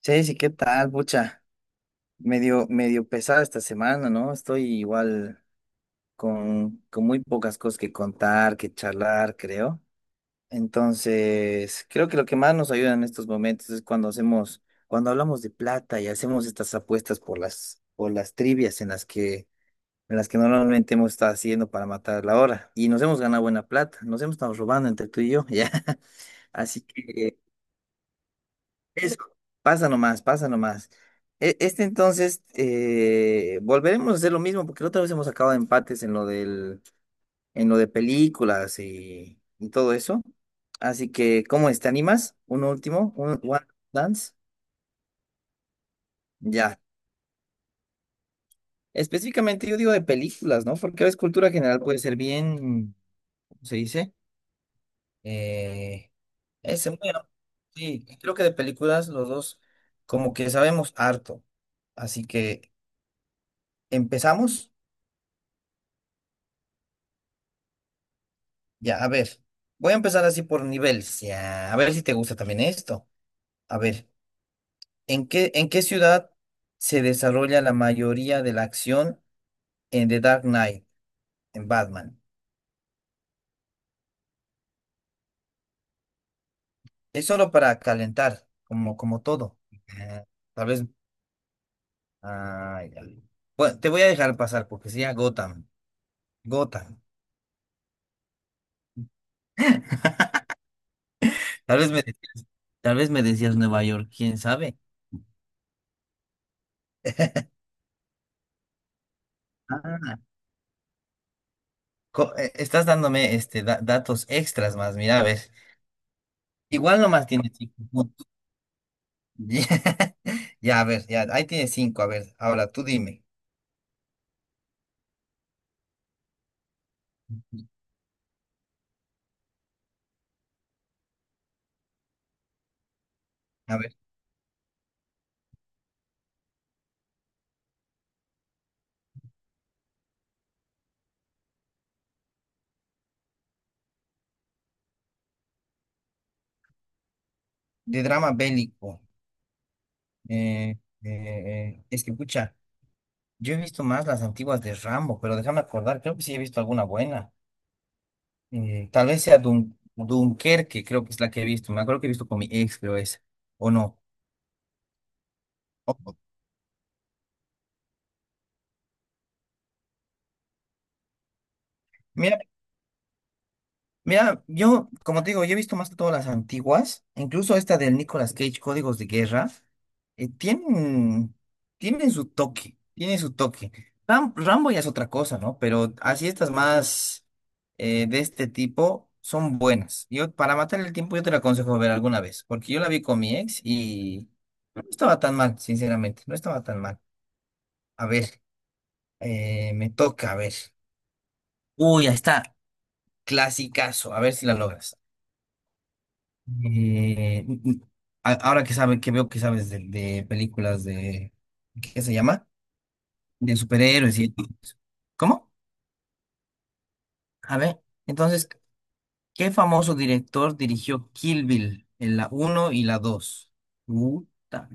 Chelsea, ¿qué tal, pucha? Medio, medio pesada esta semana, ¿no? Estoy igual con muy pocas cosas que contar, que charlar, creo. Entonces, creo que lo que más nos ayuda en estos momentos es cuando hablamos de plata y hacemos estas apuestas por las trivias en las que normalmente hemos estado haciendo para matar la hora. Y nos hemos ganado buena plata, nos hemos estado robando entre tú y yo, ¿ya? Así que eso, pasa nomás, pasa nomás. Este entonces, volveremos a hacer lo mismo, porque la otra vez hemos acabado empates en lo de películas y todo eso. Así que, ¿cómo es? ¿Te animas? Un último, un One Dance. Ya. Específicamente yo digo de películas, ¿no? Porque a veces cultura general puede ser bien, ¿cómo se dice? Eh, ese, bueno, sí, creo que de películas los dos como que sabemos harto. Así que, ¿empezamos? Ya, a ver. Voy a empezar así por niveles. Ya, a ver si te gusta también esto. A ver, ¿en qué ciudad se desarrolla la mayoría de la acción en The Dark Knight, en Batman? Es solo para calentar, como, como todo. Ah, tal vez. Ah, ya. Bueno, te voy a dejar pasar porque sería Gotham. Gotham. Tal vez me decías, tal vez me decías Nueva York, quién sabe. Ah, estás dándome este datos extras más, mira, a ver. Igual nomás tiene cinco puntos. Ya, a ver, ya, ahí tiene cinco. A ver, ahora tú dime. A ver, de drama bélico. Es que, pucha, yo he visto más las antiguas de Rambo, pero déjame acordar, creo que sí he visto alguna buena. Tal vez sea Dunkerque, creo que es la que he visto. Me acuerdo que he visto con mi ex, creo es. O no. O- Mira, mira, yo, como te digo, yo he visto más que todas las antiguas, incluso esta del Nicolas Cage, Códigos de Guerra, tienen, tienen su toque, tienen su toque. Rambo ya es otra cosa, ¿no? Pero así estas más de este tipo son buenas. Yo, para matar el tiempo, yo te la aconsejo ver alguna vez, porque yo la vi con mi ex y no estaba tan mal, sinceramente, no estaba tan mal. A ver, me toca, a ver. Uy, ahí está, clasicazo, a ver si la logras. Eh, mm, mm, Ahora que veo que sabes de películas de, ¿qué se llama? De superhéroes y... ¿Cómo? A ver, entonces, ¿qué famoso director dirigió Kill Bill en la uno y la 2? Puta,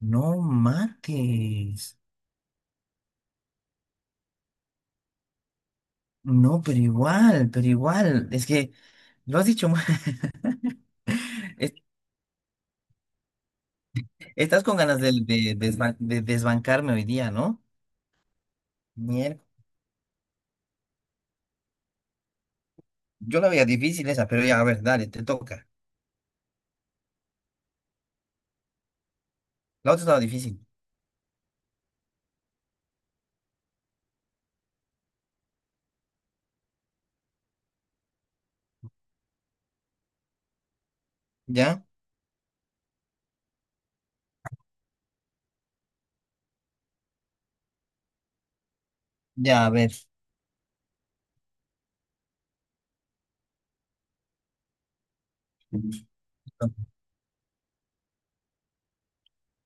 no mates. No, pero igual, pero igual. Es que lo has dicho mal. Es- Estás con ganas de, de desbancarme hoy día, ¿no? Mier- Yo la veía difícil esa, pero ya, a ver, dale, te toca. La otra estaba difícil. ¿Ya? Ya, a ver.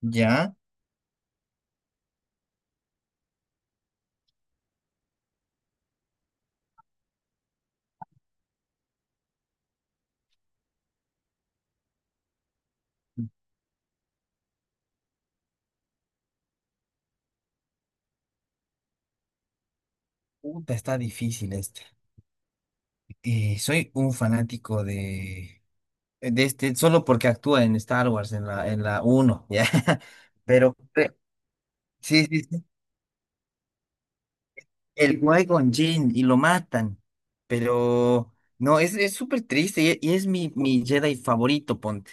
¿Ya? Puta, está difícil esta. Soy un fanático de este, solo porque actúa en Star Wars, en la uno, ¿ya? Pero, sí, sí, sí. El Qui-Gon Jinn y lo matan. Pero, no, es súper triste y, y es mi Jedi favorito, ponte.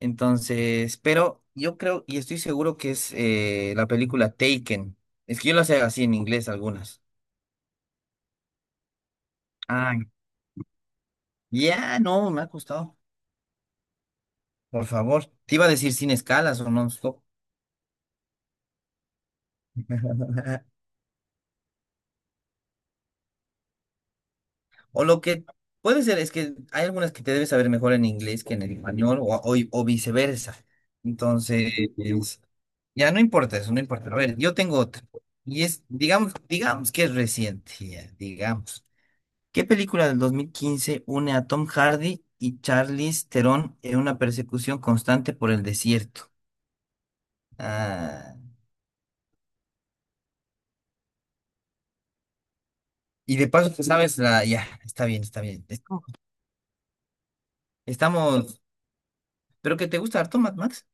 Entonces, pero yo creo y estoy seguro que es la película Taken. Es que yo lo sé así en inglés algunas. Ya, no, me ha costado. Por favor. Te iba a decir sin escalas o non-stop. O lo que puede ser es que hay algunas que te debes saber mejor en inglés que en el español o viceversa. Entonces, ya no importa eso, no importa. A ver, yo tengo otra. Y es, digamos que es reciente, ya, digamos. ¿Qué película del 2015 une a Tom Hardy y Charlize Theron en una persecución constante por el desierto? Ah. Y de paso, pues, sabes la. Ya, está bien, está bien. Estamos. ¿Pero que te gusta harto, Mad Max?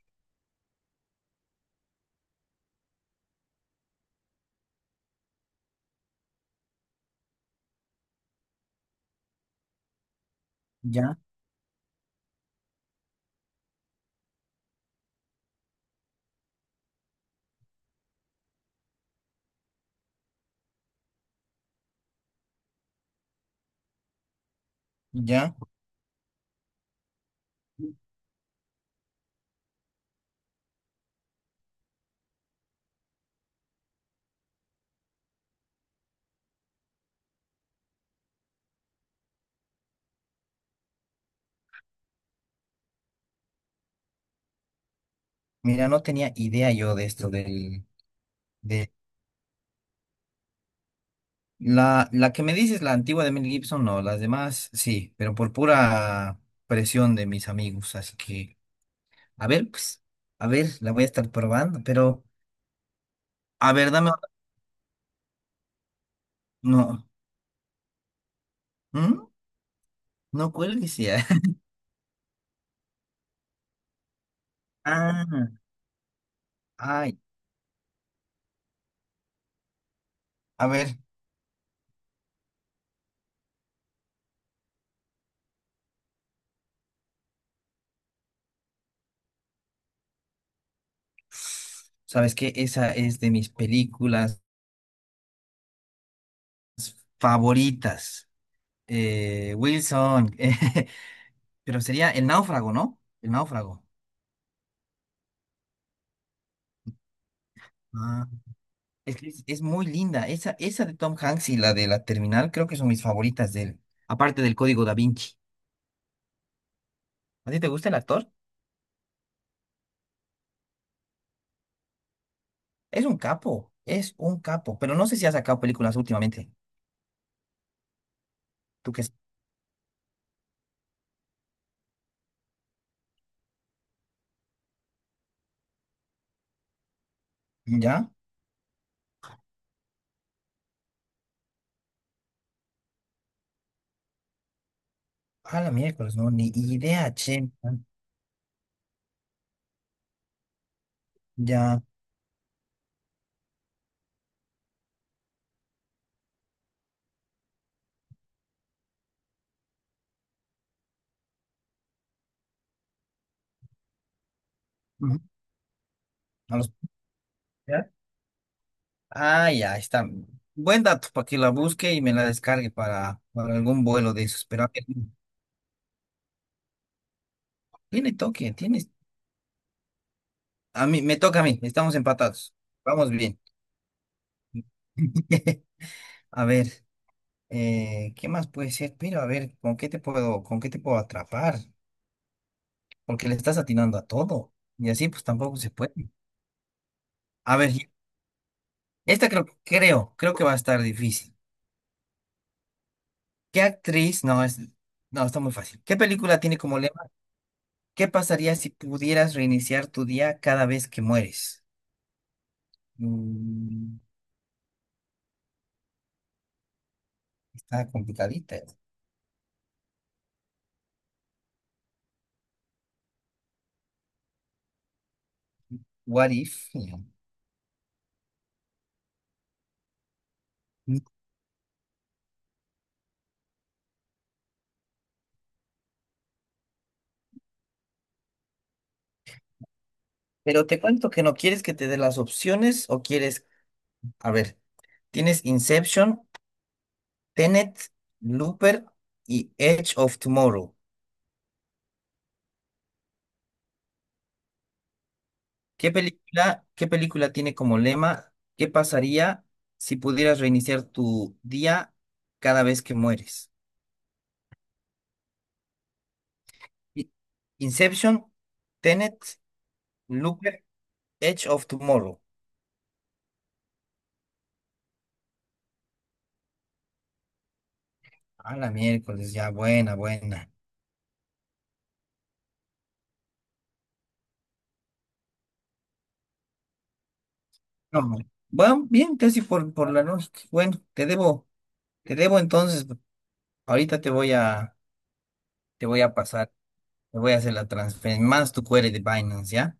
Ya, ya. Mira, no tenía idea yo de esto del. De... La que me dices, la antigua de Mel Gibson, no. Las demás, sí, pero por pura presión de mis amigos. Así que, a ver, pues, a ver, la voy a estar probando, pero. A ver, dame. No. ¿Mm? No cuelgues ya. Ah, ay, a ver. ¿Sabes qué? Esa es de mis películas. Favoritas. Wilson. Pero sería El Náufrago, ¿no? El Náufrago. Ah, que es muy linda. Esa de Tom Hanks y la de la Terminal creo que son mis favoritas de él. Aparte del Código Da Vinci. ¿A ti te gusta el actor? Es un capo. Es un capo. Pero no sé si ha sacado películas últimamente. ¿Tú qué? ¿Ya? A la miércoles, no. Ni idea, che. Ya. Ujú. A los. Ah, ya está. Buen dato para que la busque y me la descargue para, algún vuelo de esos. Pero a ver, tiene toque, tienes. A mí, me toca a mí, estamos empatados. Vamos bien. A ver, ¿qué más puede ser? Pero a ver, ¿con qué te puedo atrapar? Porque le estás atinando a todo. Y así pues tampoco se puede. A ver, esta creo que va a estar difícil. ¿Qué actriz? No, no, está muy fácil. ¿Qué película tiene como lema? ¿Qué pasaría si pudieras reiniciar tu día cada vez que mueres? Mm, Está complicadita. ¿Eh? What if? Know. Pero te cuento que no quieres que te dé las opciones o quieres, a ver, tienes Inception, Tenet, Looper y Edge of Tomorrow. ¿Qué película tiene como lema? ¿Qué pasaría si pudieras reiniciar tu día cada vez que mueres? I- Inception, Tenet, Looper, Edge of Tomorrow. A la miércoles, ya, buena, buena. No, bueno, bien, casi por la noche. Bueno, te debo entonces. Ahorita te voy a pasar, te voy a hacer la transferencia, más tu query de Binance, ¿ya?